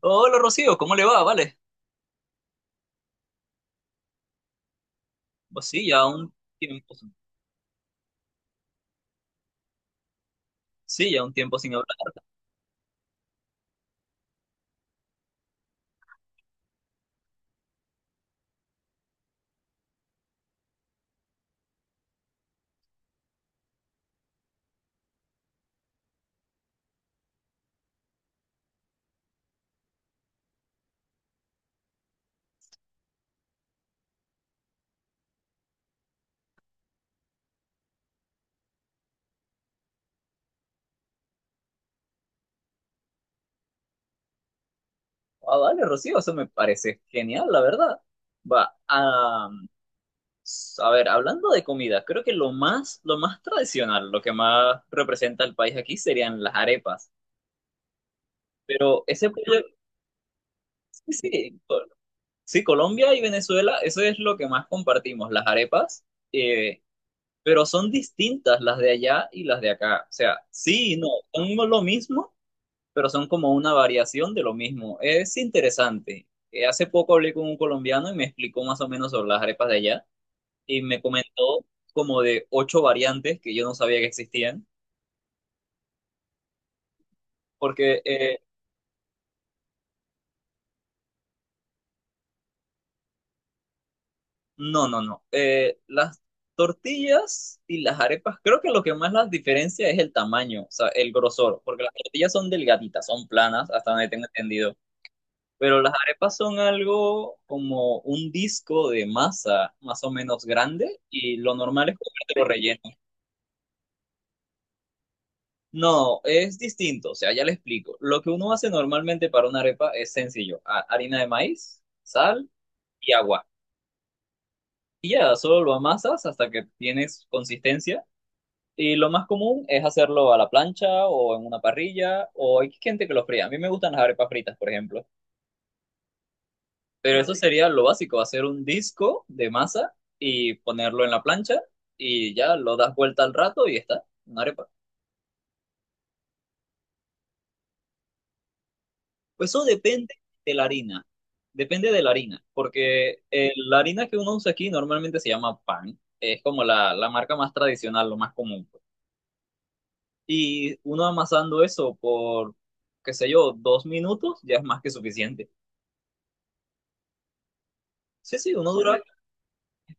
Hola Rocío, ¿cómo le va? Vale. Pues sí, ya un tiempo. Sí, ya un tiempo sin hablar. Ah, vale, Rocío, eso me parece genial, la verdad. Va, ah, a ver, hablando de comida, creo que lo más tradicional, lo que más representa el país aquí serían las arepas. Pero ese pollo- sí, sí, Col- Sí, Colombia y Venezuela, eso es lo que más compartimos, las arepas. eh, pero son distintas las de allá y las de acá. O sea, sí, y no, son lo mismo pero son como una variación de lo mismo. Es interesante. Hace poco hablé con un colombiano y me explicó más o menos sobre las arepas de allá y me comentó como de ocho variantes que yo no sabía que existían, porque no, no, no. Las tortillas y las arepas, creo que lo que más las diferencia es el tamaño, o sea, el grosor, porque las tortillas son delgaditas, son planas, hasta donde tengo entendido. Pero las arepas son algo como un disco de masa más o menos grande y lo normal es comértelo relleno. No, es distinto, o sea, ya le explico. Lo que uno hace normalmente para una arepa es sencillo, harina de maíz, sal y agua. Y ya, solo lo amasas hasta que tienes consistencia. Y lo más común es hacerlo a la plancha o en una parrilla o hay gente que lo fría. A mí me gustan las arepas fritas, por ejemplo. Pero eso sería lo básico, hacer un disco de masa y ponerlo en la plancha y ya lo das vuelta al rato y está, una arepa. Pues eso depende de la harina, depende de la harina, porque la harina que uno usa aquí normalmente se llama pan, es como la marca más tradicional, lo más común, pues. Y uno amasando eso por, qué sé yo, 2 minutos ya es más que suficiente. Sí, sí, uno dura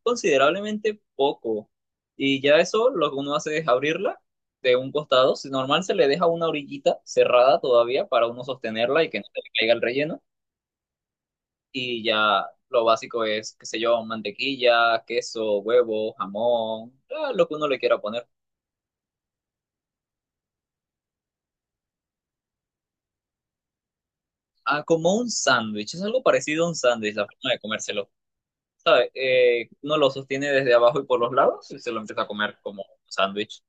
considerablemente poco. Y ya eso lo que uno hace es abrirla de un costado. Si normal se le deja una orillita cerrada todavía para uno sostenerla y que no se le caiga el relleno. Y ya lo básico es, qué sé yo, mantequilla, queso, huevo, jamón, ah, lo que uno le quiera poner. Ah, como un sándwich, es algo parecido a un sándwich, la forma de comérselo. ¿Sabe? Uno lo sostiene desde abajo y por los lados y se lo empieza a comer como un sándwich.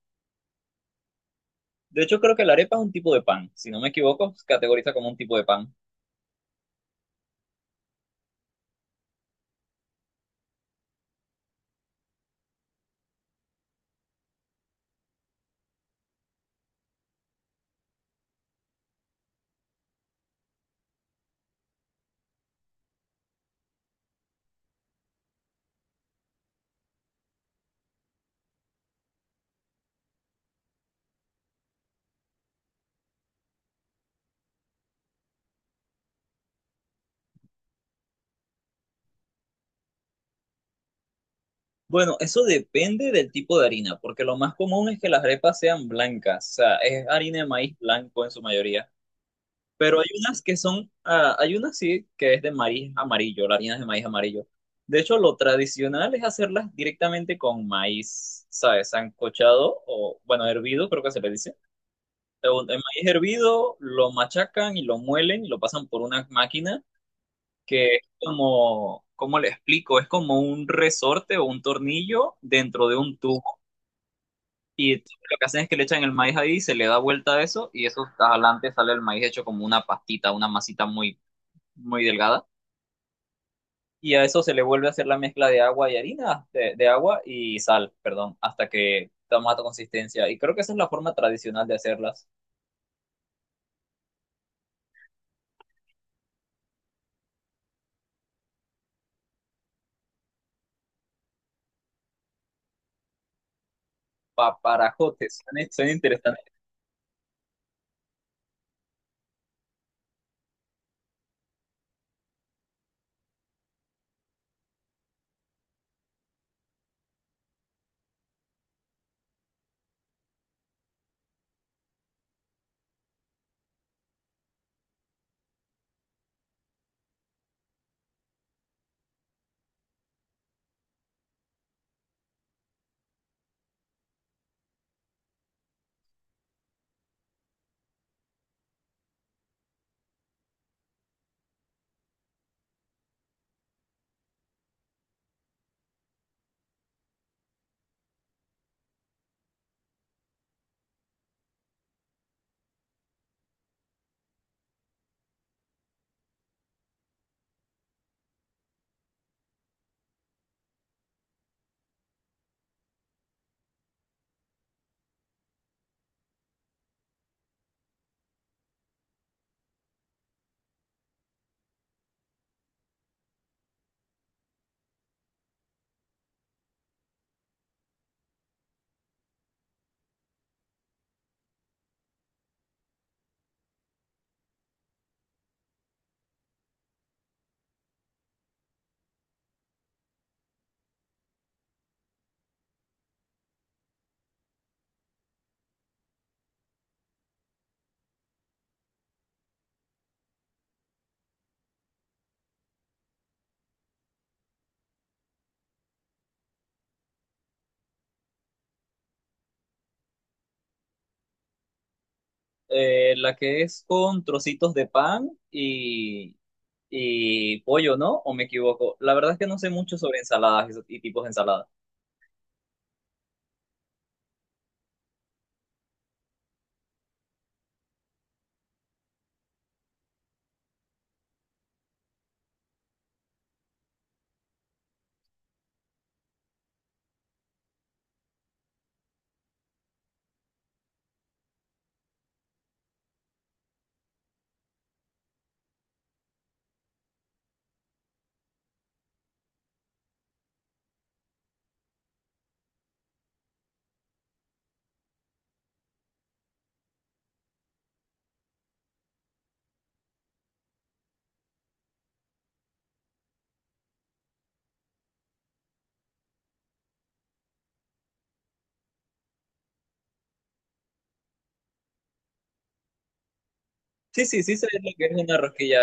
De hecho, creo que la arepa es un tipo de pan, si no me equivoco, se categoriza como un tipo de pan. Bueno, eso depende del tipo de harina, porque lo más común es que las arepas sean blancas, o sea, es harina de maíz blanco en su mayoría, pero hay unas que son, ah, hay unas sí que es de maíz amarillo, la harina es de maíz amarillo. De hecho, lo tradicional es hacerlas directamente con maíz, ¿sabes? Sancochado o, bueno, hervido, creo que se le dice. El maíz hervido lo machacan y lo muelen y lo pasan por una máquina que es como, ¿cómo le explico? Es como un resorte o un tornillo dentro de un tubo. Y lo que hacen es que le echan el maíz ahí, se le da vuelta a eso y eso adelante sale el maíz hecho como una pastita, una masita muy delgada. Y a eso se le vuelve a hacer la mezcla de agua y harina, de agua y sal, perdón, hasta que toma esta consistencia. Y creo que esa es la forma tradicional de hacerlas. Paparajotes, suena, suena interesante. La que es con trocitos de pan y pollo, ¿no? ¿O me equivoco? La verdad es que no sé mucho sobre ensaladas y tipos de ensaladas. Sí, sí, sí sé lo que es una rosquilla.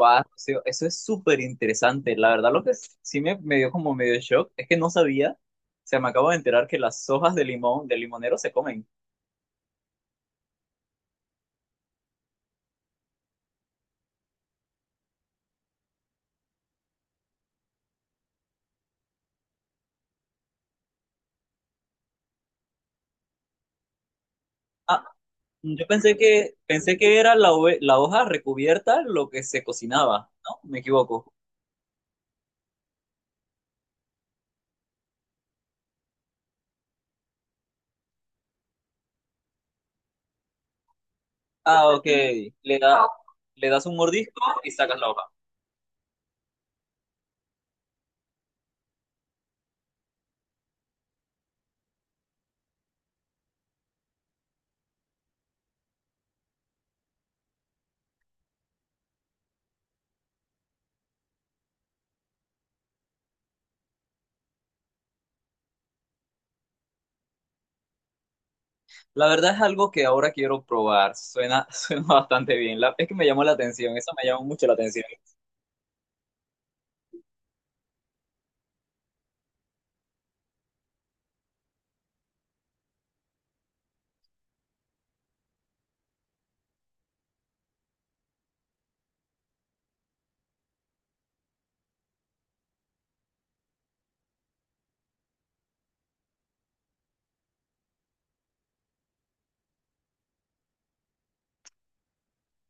Va, Rocío, eso es súper interesante. La verdad, lo que sí me dio como medio shock es que no sabía, o sea, me acabo de enterar que las hojas de limón, del limonero se comen. Ah, yo pensé que era la, la hoja recubierta lo que se cocinaba, ¿no? Me equivoco. Ah, ok. Le da, le das un mordisco y sacas la hoja. La verdad es algo que ahora quiero probar. Suena, suena bastante bien. La, es que me llamó la atención, eso me llamó mucho la atención.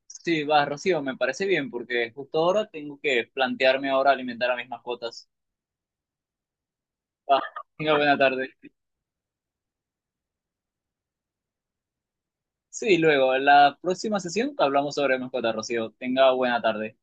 Sí, va, Rocío, me parece bien porque justo ahora tengo que plantearme ahora alimentar a mis mascotas. Va, tenga buena tarde. Sí, luego, en la próxima sesión hablamos sobre mascotas, Rocío. Tenga buena tarde.